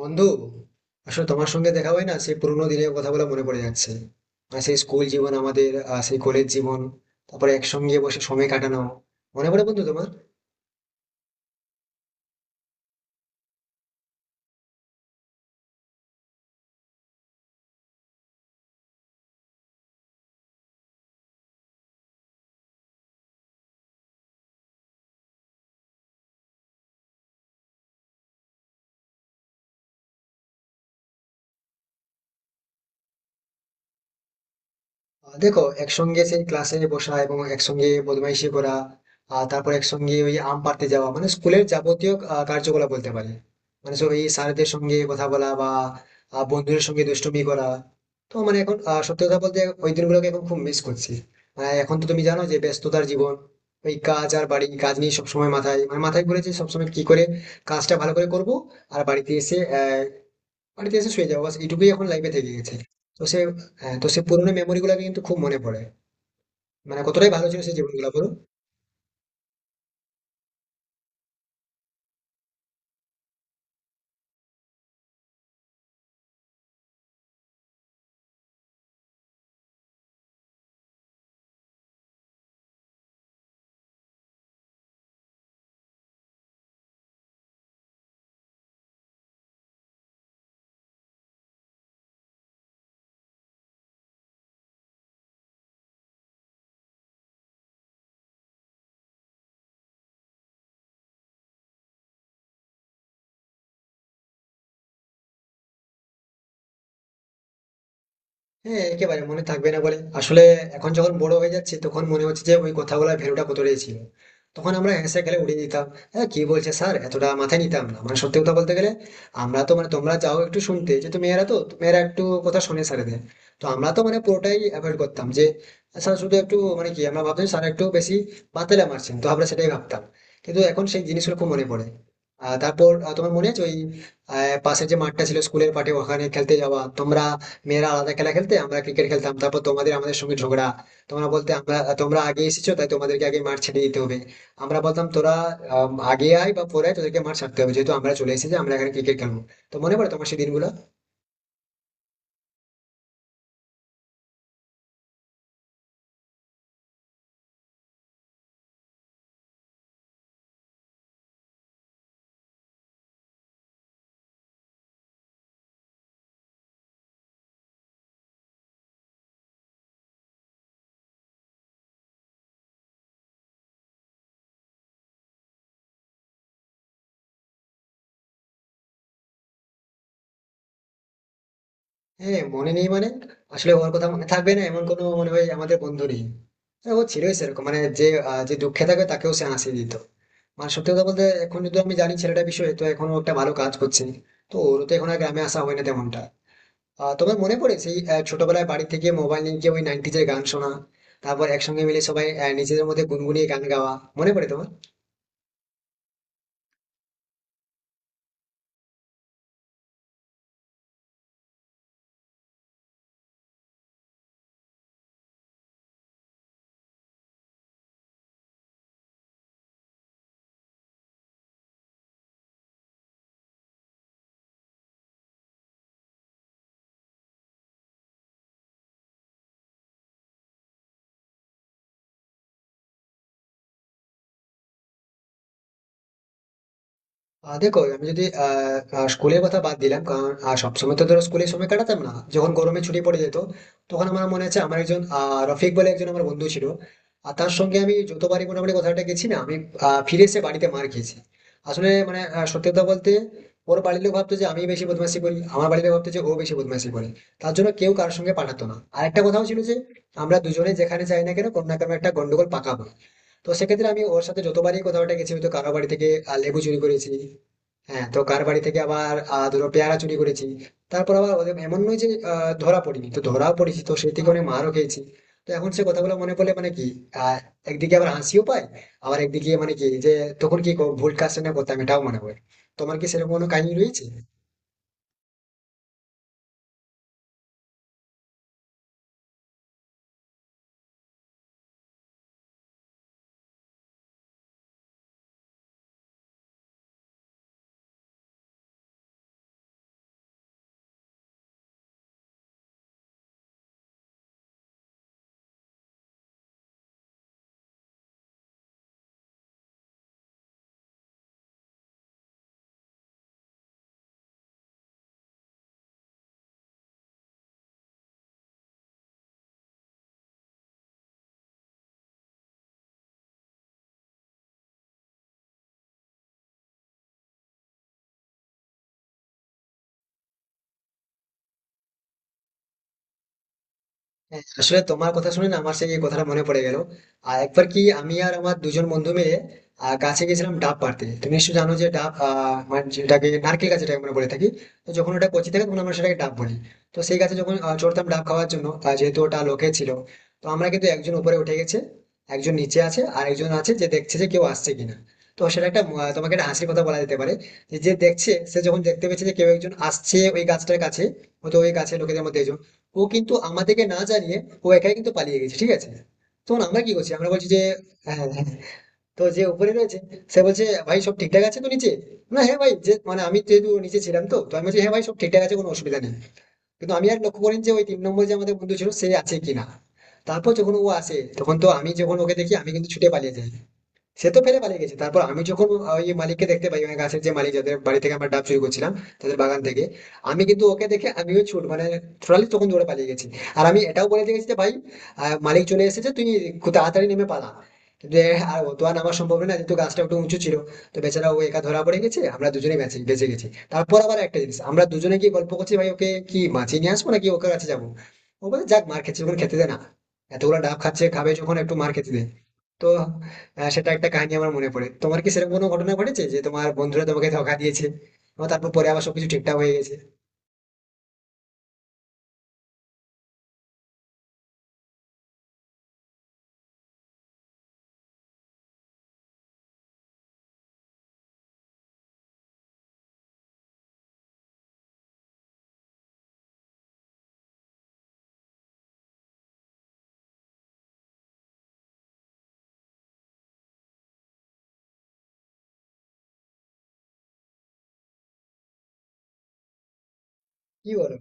বন্ধু, আসলে তোমার সঙ্গে দেখা হয় না, সেই পুরোনো দিনের কথাগুলো মনে পড়ে যাচ্ছে। আর সেই স্কুল জীবন, আমাদের সেই কলেজ জীবন, তারপরে একসঙ্গে বসে সময় কাটানো, মনে পড়ে বন্ধু তোমার? দেখো, একসঙ্গে সেই ক্লাসে বসা এবং একসঙ্গে বদমাইশি করা, আর তারপর একসঙ্গে ওই আম পাড়তে যাওয়া, মানে স্কুলের যাবতীয় কার্যকলাপ বলতে পারে। মানে সব এই স্যারদের সঙ্গে কথা বলা বা বন্ধুদের সঙ্গে দুষ্টুমি করা। তো মানে এখন সত্যি কথা বলতে ওই দিনগুলোকে এখন খুব মিস করছি। মানে এখন তো তুমি জানো যে ব্যস্ততার জীবন, ওই কাজ আর বাড়ি কাজ নিয়ে সবসময় মাথায়, মানে মাথায় ঘুরেছে সবসময় কি করে কাজটা ভালো করে করব। আর বাড়িতে এসে বাড়িতে এসে শুয়ে যাও, বাস এইটুকুই এখন লাইফে থেকে গেছে। তো সে হ্যাঁ, তো সে পুরোনো মেমোরি গুলাকে কিন্তু খুব মনে পড়ে। মানে কতটাই ভালো ছিল সেই জীবনগুলো বলো। হ্যাঁ, একেবারে মনে থাকবে না বলে? আসলে এখন যখন বড় হয়ে যাচ্ছে তখন মনে হচ্ছে যে ওই কথাগুলোর ভ্যালুটা কতটাই ছিল। তখন আমরা হেসে খেলে উড়িয়ে দিতাম। হ্যাঁ, কি বলছে স্যার এতটা মাথায় নিতাম না, মানে সত্যি কথা বলতে গেলে। আমরা তো মানে তোমরা যাও একটু শুনতে, যেহেতু মেয়েরা তো তো মেয়েরা একটু কথা শুনে স্যারেদের। তো আমরা তো মানে পুরোটাই অ্যাভয়েড করতাম। যে স্যার শুধু একটু মানে কি, আমরা ভাবতাম স্যার একটু বেশি বাতেলা মারছেন, তো আমরা সেটাই ভাবতাম। কিন্তু এখন সেই জিনিসগুলো খুব মনে পড়ে। তারপর তোমার মনে আছে ওই আহ, পাশে যে মাঠটা ছিল স্কুলের মাঠে, ওখানে খেলতে যাওয়া? তোমরা মেয়েরা আলাদা খেলা খেলতে, আমরা ক্রিকেট খেলতাম, তারপর তোমাদের আমাদের সঙ্গে ঝগড়া। তোমরা বলতে আমরা তোমরা আগে এসেছো, তাই তোমাদেরকে আগে মাঠ ছেড়ে দিতে হবে। আমরা বলতাম তোরা আগে আয় বা পরে আয়, তোদেরকে মাঠ ছাড়তে হবে, যেহেতু আমরা চলে এসেছি আমরা এখানে ক্রিকেট খেলবো। তো মনে পড়ে তোমার সেই দিনগুলো? হ্যাঁ মনে নেই মানে, আসলে ওর কথা মনে থাকবে না এমন কোনো মনে হয় আমাদের বন্ধু নেই। হ্যাঁ, ও ছিলই সেরকম, মানে যে যে দুঃখে থাকে তাকেও সে হাসি দিত। মানে সত্যি কথা বলতে এখন যদি আমি জানি ছেলেটা বিষয়ে, তো এখনো একটা ভালো কাজ করছে। তো ওর তো এখন আর গ্রামে আসা হয় না তেমনটা। তোমার মনে পড়ে সেই ছোটবেলায় বাড়ি থেকে মোবাইল নিয়ে গিয়ে ওই নাইনটিজের গান শোনা, তারপর একসঙ্গে মিলে সবাই নিজেদের মধ্যে গুনগুনিয়ে গান গাওয়া? মনে পড়ে তোমার? দেখো, আমি যদি আহ আহ, স্কুলের কথা বাদ দিলাম, কারণ সবসময় তো ধরো স্কুলে সময় কাটাতাম না, যখন গরমে ছুটি পড়ে যেত, তখন আমার মনে আছে আমার একজন রফিক বলে একজন আমার বন্ধু ছিল। আর তার সঙ্গে আমি যতবারই মোটামুটি কথাটা গেছি না, আমি ফিরে এসে বাড়িতে মার খেয়েছি। আসলে মানে সত্যি কথা বলতে, ওর বাড়ির লোক ভাবতো যে আমি বেশি বদমাশি করি, আমার বাড়ির লোক ভাবতো যে ও বেশি বদমাশি করে। তার জন্য কেউ কারোর সঙ্গে পাঠাতো না। আর একটা কথাও ছিল, যে আমরা দুজনে যেখানে যাই না কেন, কোনো না কোনো একটা গন্ডগোল পাকাবো। তো সেক্ষেত্রে আমি ওর সাথে যতবারই কথাবার্তা গেছি, হয়তো কারো বাড়ি থেকে লেবু চুরি করেছি, হ্যাঁ, তো কার বাড়ি থেকে আবার ধরো পেয়ারা চুরি করেছি। তারপর আবার ওদের এমন নয় যে ধরা পড়িনি, তো ধরাও পড়েছি, তো সেই থেকে অনেক মারও খেয়েছি। তো এখন সে কথাগুলো মনে পড়লে মানে কি, আহ একদিকে আবার হাসিও পায়, আবার একদিকে মানে কি যে তখন কি ভুল কাজটা না করতাম এটাও মনে হয়। তোমার কি সেরকম কোনো কাহিনী রয়েছে? হ্যাঁ, আসলে তোমার কথা শুনে না আমার সেই কথাটা মনে পড়ে গেল। আর একবার কি আমি আর আমার দুজন বন্ধু মিলে গাছে গেছিলাম ডাব পাড়তে। তুমি নিশ্চয়ই জানো যে ডাব, মানে যেটাকে নারকেল গাছ যেটাকে আমরা বলে থাকি, তো যখন ওটা কচি থাকে তখন আমরা সেটাকে ডাব বলি। তো সেই গাছে যখন চড়তাম ডাব খাওয়ার জন্য, যেহেতু ওটা লোকে ছিল, তো আমরা কিন্তু একজন উপরে উঠে গেছে, একজন নিচে আছে, আর একজন আছে যে দেখছে যে কেউ আসছে কিনা। তো সেটা একটা তোমাকে একটা হাসির কথা বলা যেতে পারে। যে যে দেখছে সে যখন দেখতে পেয়েছে যে কেউ একজন আসছে ওই গাছটার কাছে, হয়তো ওই গাছের লোকেদের মধ্যে একজন, ও কিন্তু আমাদেরকে না জানিয়ে ও একাই কিন্তু পালিয়ে গেছে, ঠিক আছে। তখন আমরা কি করছি, আমরা বলছি যে হ্যাঁ হ্যাঁ। হ্যাঁ। তো যে উপরে রয়েছে সে বলছে, ভাই সব ঠিকঠাক আছে তো নিচে? না হ্যাঁ ভাই, যে মানে আমি যেহেতু নিচে ছিলাম, তো তো আমি বলছি হ্যাঁ ভাই, সব ঠিকঠাক আছে, কোনো অসুবিধা নেই। কিন্তু আমি আর লক্ষ্য করিনি যে ওই তিন নম্বর যে আমাদের বন্ধু ছিল সে আছে কিনা। তারপর যখন ও আসে, তখন তো আমি যখন ওকে দেখি, আমি কিন্তু ছুটে পালিয়ে যাই। সে তো ফেলে পালিয়ে গেছে। তারপর আমি যখন ওই মালিককে দেখতে পাই, ওই গাছের যে মালিক যাদের বাড়ি থেকে আমরা ডাব চুরি করছিলাম তাদের বাগান থেকে, আমি কিন্তু ওকে দেখে আমিও ছুট, মানে টোটালি তখন দৌড়ে পালিয়ে গেছি। আর আমি এটাও বলে দিয়ে গেছি যে ভাই মালিক চলে এসেছে, তুই খুব তাড়াতাড়ি নেমে পালা। যে আর ও তো আর নামা সম্ভব না, যেহেতু গাছটা একটু উঁচু ছিল। তো বেচারা ও একা ধরা পড়ে গেছে, আমরা দুজনেই বেঁচে বেঁচে গেছি। তারপর আবার একটা জিনিস, আমরা দুজনে গিয়ে গল্প করছি, ভাই ওকে কি মাছিয়ে নিয়ে আসবো নাকি ওকে কাছে যাবো। ও বলে যাক, মার খেতে যখন খেতে দে না, এতগুলো ডাব খাচ্ছে খাবে, যখন একটু মার খেতে দে। তো সেটা একটা কাহিনী আমার মনে পড়ে। তোমার কি সেরকম কোনো ঘটনা ঘটেছে যে তোমার বন্ধুরা তোমাকে ধোঁকা দিয়েছে এবং তারপর পরে আবার সবকিছু ঠিকঠাক হয়ে গেছে, কি বলো?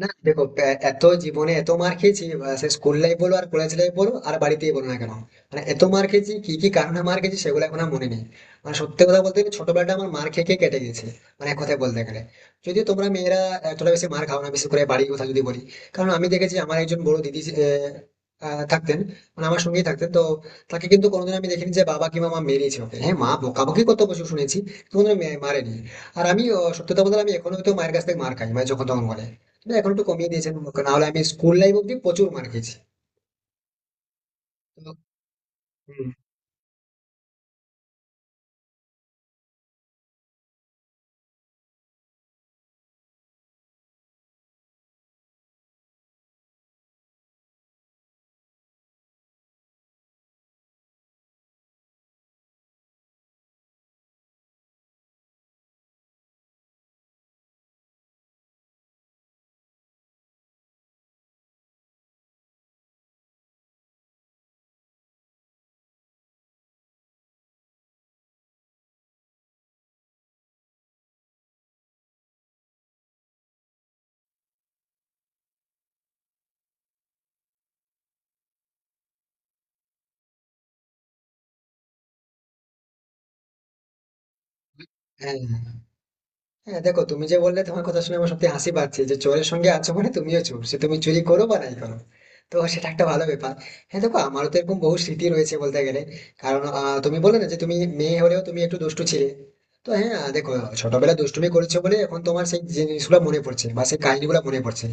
না দেখো, এত জীবনে এত মার খেয়েছি সে স্কুল লাইফ বলো আর কলেজ লাইফ বলো আর বাড়িতেই বলো না কেন, মানে এত মার খেয়েছি, কি কি কারণে মার খেয়েছি সেগুলো এখন আর মনে নেই। মানে সত্যি কথা বলতে গেলে ছোটবেলাটা আমার মার খেয়ে খেয়ে কেটে গেছে, মানে এক কথায় বলতে গেলে। যদিও তোমরা মেয়েরা এতটা বেশি মার খাও না, বিশেষ করে বাড়ির কথা যদি বলি। কারণ আমি দেখেছি আমার একজন বড় দিদি আহ, আহ, থাকতেন, মানে আমার সঙ্গেই থাকতেন, তো তাকে কিন্তু কোনোদিন আমি দেখিনি যে বাবা কিংবা মা মেরেছে ওকে। হ্যাঁ মা বকাবকি কত বছর শুনেছি, কিন্তু কোনোদিন মারেনি। আর আমি সত্যি কথা বলতে আমি এখনো হয়তো মায়ের কাছ থেকে মার খাই, মানে যখন তখন বলে। না, এখন একটু কমিয়ে দিয়েছেন, না হলে আমি স্কুল লাইফ অব্দি প্রচুর মার খেয়েছি। তো, হুম। হ্যাঁ। হ্যাঁ দেখো, তুমি যে বললে, তোমার কথা শুনে আমার সত্যি হাসি পাচ্ছে। যে চোরের সঙ্গে আছো মানে তুমিও চোর, সে তুমি চুরি করো বা নাই করো, তো সেটা একটা ভালো ব্যাপার। হ্যাঁ দেখো, আমারও তো এরকম বহু স্মৃতি রয়েছে বলতে গেলে। কারণ তুমি বলে না যে তুমি মেয়ে হলেও তুমি একটু দুষ্টু ছিলে, তো হ্যাঁ দেখো ছোটবেলায় দুষ্টুমি করেছো বলে এখন তোমার সেই জিনিসগুলো মনে পড়ছে বা সেই কাহিনীগুলো মনে পড়ছে।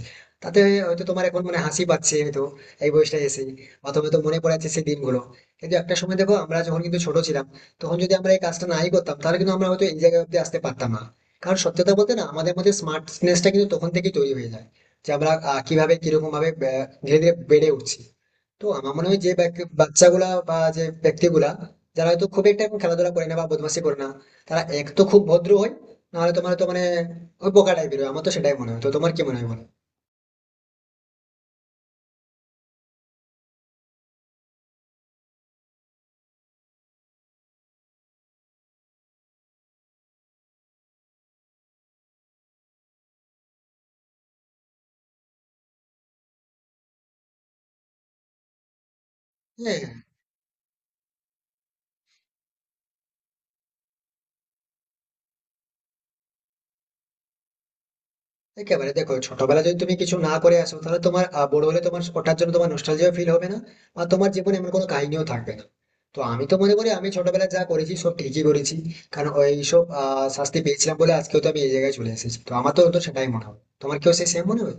তাতে হয়তো তোমার এখন মনে হাসি পাচ্ছে, হয়তো এই বয়সটা এসে অথবা তো মনে পড়ে যাচ্ছে সেই দিনগুলো। কিন্তু একটা সময় দেখো, আমরা যখন কিন্তু ছোট ছিলাম, তখন যদি আমরা এই কাজটা নাই করতাম, তাহলে কিন্তু আমরা হয়তো এই জায়গায় অব্দি আসতে পারতাম না। কারণ সত্যি কথা বলতে না, আমাদের মধ্যে স্মার্টনেসটা কিন্তু তখন থেকেই তৈরি হয়ে যায়, যে আমরা কিভাবে কিরকম ভাবে ধীরে ধীরে বেড়ে উঠছি। তো আমার মনে হয় যে বাচ্চাগুলা বা যে ব্যক্তিগুলা যারা হয়তো খুব একটা এখন খেলাধুলা করে না বা বদমাশি করে না, তারা এক তো খুব ভদ্র হয়, নাহলে তোমার তো মানে ওই বোকা টাইপের হয়। আমার তো সেটাই মনে হয়, তো তোমার কি মনে হয় বলো। হ্যাঁ একেবারে, দেখো ছোটবেলায় যদি তুমি কিছু না করে আসো তাহলে তোমার বড় হলে তোমার ওটার জন্য তোমার নস্টালজিয়া ফিল হবে না, বা তোমার জীবনে এমন কোনো কাহিনীও থাকবে না। তো আমি তো মনে করি আমি ছোটবেলায় যা করেছি সব ঠিকই করেছি, কারণ ওই সব শাস্তি পেয়েছিলাম বলে আজকেও তো আমি এই জায়গায় চলে এসেছি, তো আমার তো তো সেটাই মনে হয়, তোমার কেউ সেই সেম মনে হয়?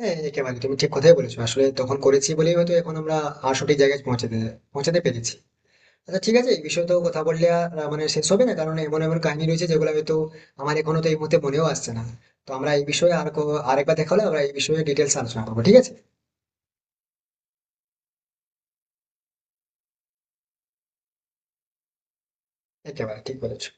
হ্যাঁ একেবারে তুমি ঠিক কথাই বলেছো, আসলে তখন করেছি বলেই হয়তো এখন আমরা সঠিক জায়গায় পৌঁছাতে পৌঁছাতে পেরেছি। আচ্ছা ঠিক আছে, এই বিষয়ে তো কথা বললে মানে শেষ হবে না, কারণ এমন এমন কাহিনী রয়েছে যেগুলো হয়তো আমার এখনো তো এই মুহূর্তে মনেও আসছে না। তো আমরা এই বিষয়ে আর আরেকবার দেখা হলে আমরা এই বিষয়ে ডিটেলস আলোচনা করবো, ঠিক আছে? একেবারে ঠিক বলেছো।